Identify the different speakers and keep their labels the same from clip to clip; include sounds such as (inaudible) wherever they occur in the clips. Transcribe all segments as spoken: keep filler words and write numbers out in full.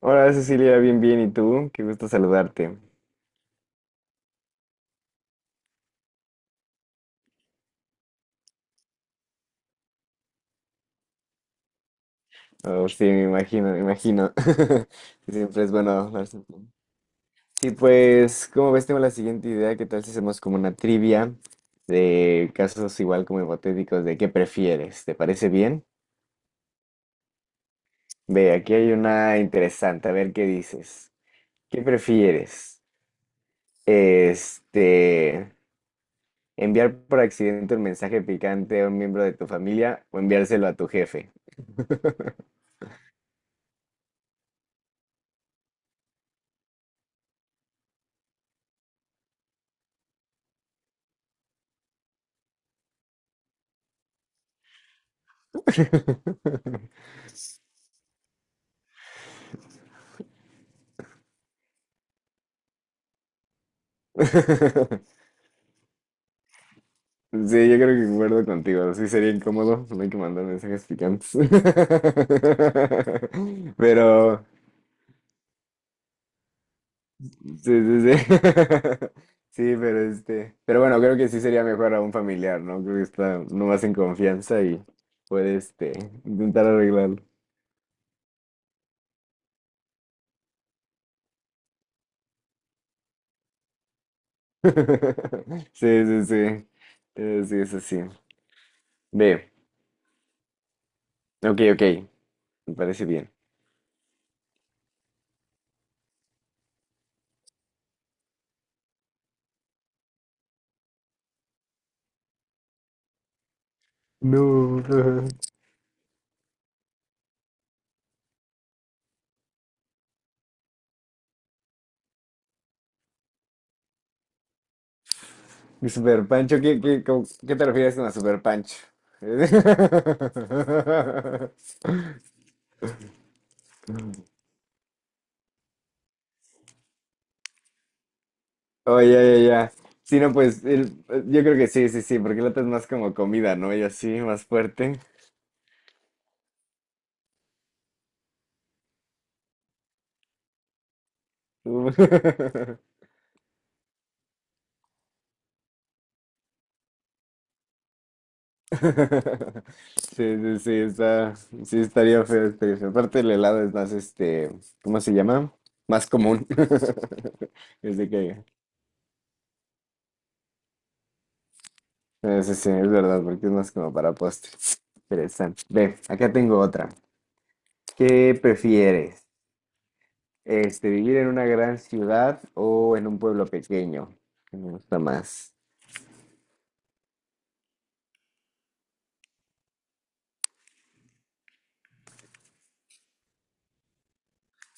Speaker 1: Hola Cecilia, bien, bien, ¿y tú? Qué gusto saludarte. Oh, sí, me imagino, me imagino. (laughs) Siempre es bueno hablar contigo. Sí, pues, como ves, tengo la siguiente idea. ¿Qué tal si hacemos como una trivia de casos igual como hipotéticos de qué prefieres? ¿Te parece bien? Ve, aquí hay una interesante. A ver qué dices. ¿Qué prefieres? Este, Enviar por accidente un mensaje picante a un miembro de tu familia o enviárselo a tu jefe. (laughs) Sí, yo creo que concuerdo contigo. Sí sería incómodo, no hay que mandar mensajes picantes. (laughs) Pero, sí, sí, sí. (laughs) Sí, pero este, pero bueno, creo que sí sería mejor a un familiar, ¿no? Creo que está no más en confianza y puede, este, intentar arreglarlo. (laughs) Sí, sí, sí. Eh, Sí, es así. Ve, ok, ok, me parece bien. No. (laughs) Mi super pancho, ¿qué, qué, cómo- qué te refieres con la super pancho? (laughs) Oh, ya, ya, ya. Sí, no, pues el- yo creo que sí, sí, sí, porque la otra es más como comida, ¿no? Y así, más fuerte. Uh. (laughs) Sí, sí, sí, está, sí, estaría feo, estaría feo. Aparte el helado es más, este, ¿cómo se llama? Más común. (laughs) Desde que... eh, Sí, sí, es verdad, porque es más como para postres. Interesante. Ve, acá tengo otra. ¿Qué prefieres? Este, ¿vivir en una gran ciudad o en un pueblo pequeño? ¿Qué Me gusta más?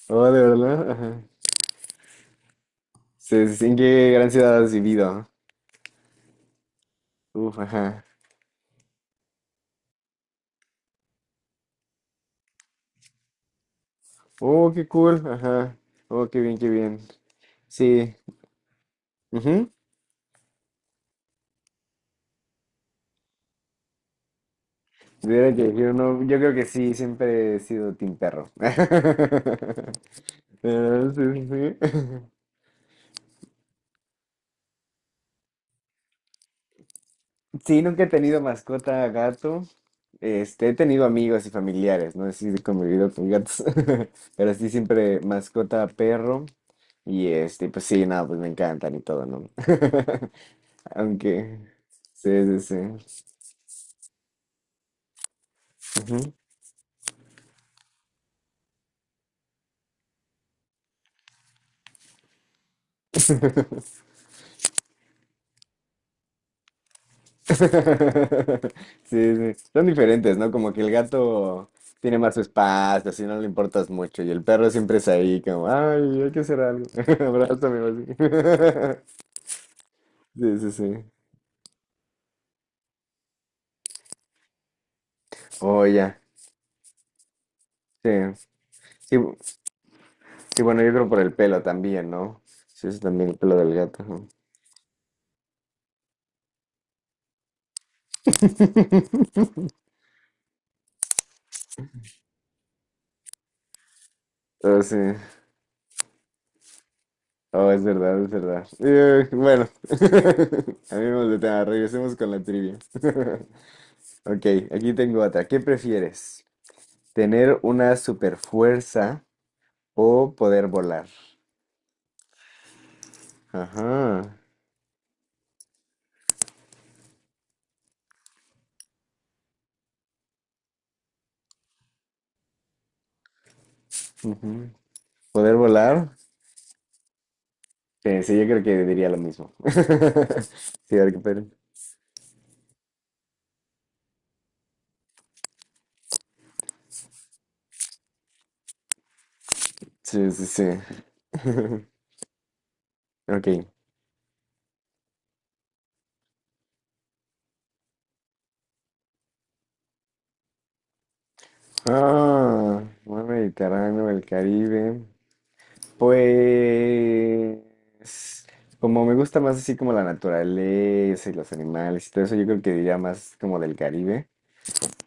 Speaker 1: Oh, de verdad, ajá. Sí, sí, sí, ¿en qué gran ciudad has vivido? Uf, ajá. Oh, qué cool, ajá. Oh, qué bien, qué bien. Sí. Ujú. Si tuviera que elegir uno, yo creo que sí, siempre he sido team perro. (laughs) Ah, sí, sí, sí. (laughs) Sí, nunca he tenido mascota gato. Este, he tenido amigos y familiares, no. Sí, he convivido con gatos, (laughs) pero sí siempre mascota perro. Y este, pues sí, nada, pues me encantan y todo, ¿no? (laughs) Aunque, sí, sí, sí. Ujú. (laughs) Sí, sí. Son diferentes, ¿no? Como que el gato tiene más su espacio, así no le importas mucho. Y el perro siempre es ahí, como, ay, hay que hacer algo. (laughs) Abrázame, o así. (laughs) Sí, sí, sí. Oye. Sí, sí, bu- sí, bueno, yo creo por el pelo también, ¿no? Sí, es también el pelo del gato, ajá. Pero sí, oh, es verdad, es verdad. Eh, bueno, (laughs) amigos de tema, regresemos con la trivia. (laughs) Ok, aquí tengo otra. ¿Qué prefieres? ¿Tener una super fuerza o poder volar? Ajá. Ujú. ¿Poder volar? Sí, sí, yo creo que diría lo mismo. (laughs) Sí, a ver qué pedo. Sí, sí, sí. (laughs) Ok. Ah, mar Mediterráneo, el Caribe. Pues, como me gusta más así como la naturaleza y los animales y todo eso, yo creo que diría más como del Caribe,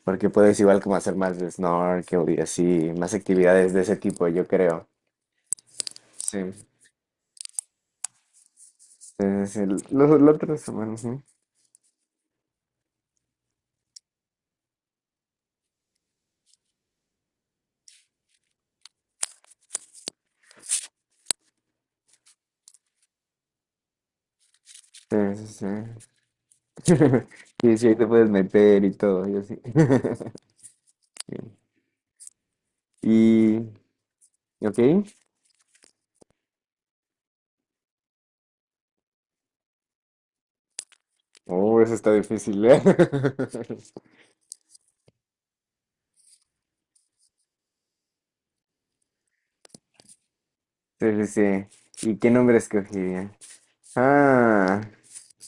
Speaker 1: porque puedes igual como hacer más de snorkel y así, más actividades de ese tipo, yo creo. Sí, sí, sí, sí. los, los otros humanos, ¿no? Sí, sí, sí. (laughs) Sí, sí, ahí te puedes meter y todo, y así. (laughs) Sí. Y, ok. Oh, eso está difícil, ¿eh? (laughs) Sí, sí, sí. ¿Y qué nombre escogería? Ah,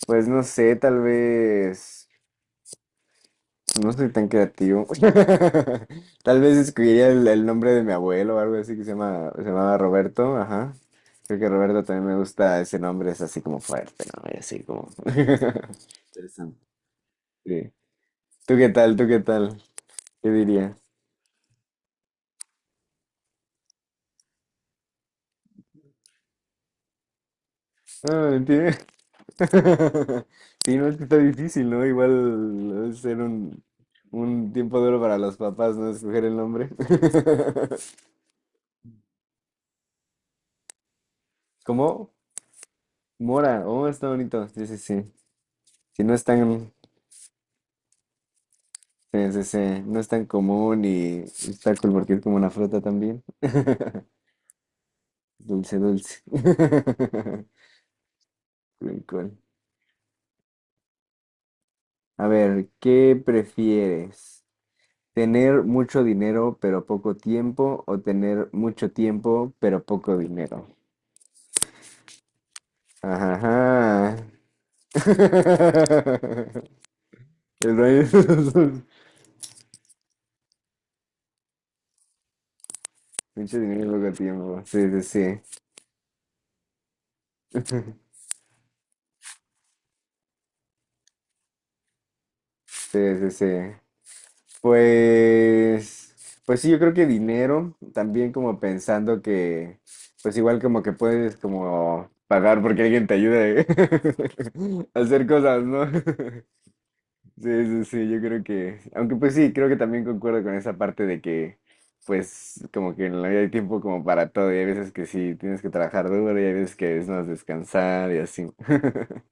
Speaker 1: pues no sé, tal vez. No soy tan creativo. (laughs) Tal vez escogería el, el nombre de mi abuelo o algo así que se llama, se llamaba Roberto, ajá. Creo que Roberto también me gusta ese nombre, es así como fuerte, ¿no? Y así como. (laughs) Interesante. Sí. ¿Tú qué tal? ¿Tú qué tal? ¿Qué dirías? Ah, mentira. (laughs) Sí, no, es que está difícil, ¿no? Igual es ser un, un tiempo duro para los papás, ¿no? Escoger el nombre. (laughs) ¿Cómo? Mora. Oh, está bonito. Sí, sí, sí. Sí, no es tan, sí, sí, sí, no es tan común y está cool porque es como una fruta también. (laughs) Dulce, dulce. (laughs) Cool, cool. A ver, ¿qué prefieres? ¿Tener mucho dinero pero poco tiempo o tener mucho tiempo pero poco dinero? Ajá. (laughs) El baño de los dos. Mucho dinero y poco tiempo. Sí, sí, sí. (laughs) Sí, sí, sí. Pues, pues sí, yo creo que dinero, también como pensando que, pues igual como que puedes como pagar porque alguien te ayude (laughs) a hacer cosas, ¿no? (laughs) Sí, sí, sí, yo creo que, aunque pues sí, creo que también concuerdo con esa parte de que, pues, como que en la vida hay tiempo como para todo, y hay veces que sí tienes que trabajar duro, y hay veces que es más descansar y así. (laughs)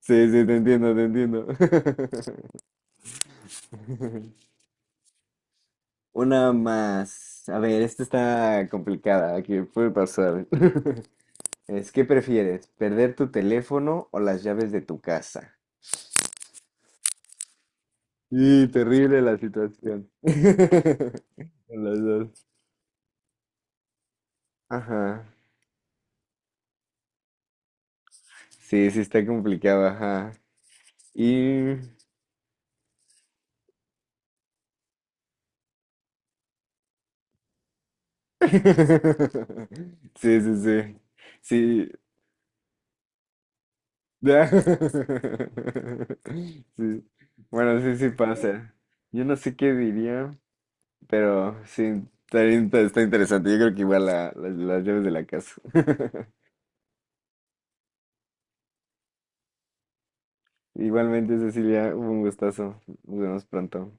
Speaker 1: Sí, sí, te entiendo, te entiendo. (laughs) Una más. A ver, esta está complicada, aquí puede pasar. (laughs) Es, ¿qué prefieres? ¿Perder tu teléfono o las llaves de tu casa? Y terrible la situación. (laughs) Las dos. Ajá. Sí, sí está complicado, ajá. Y... (laughs) Sí, sí, sí. Sí. (laughs) Sí. Bueno, sí, sí pasa. Yo no sé qué diría, pero sí, está, in- está interesante. Yo creo que igual la- la- las llaves de la casa. (laughs) Igualmente, Cecilia, hubo un gustazo. Nos vemos pronto.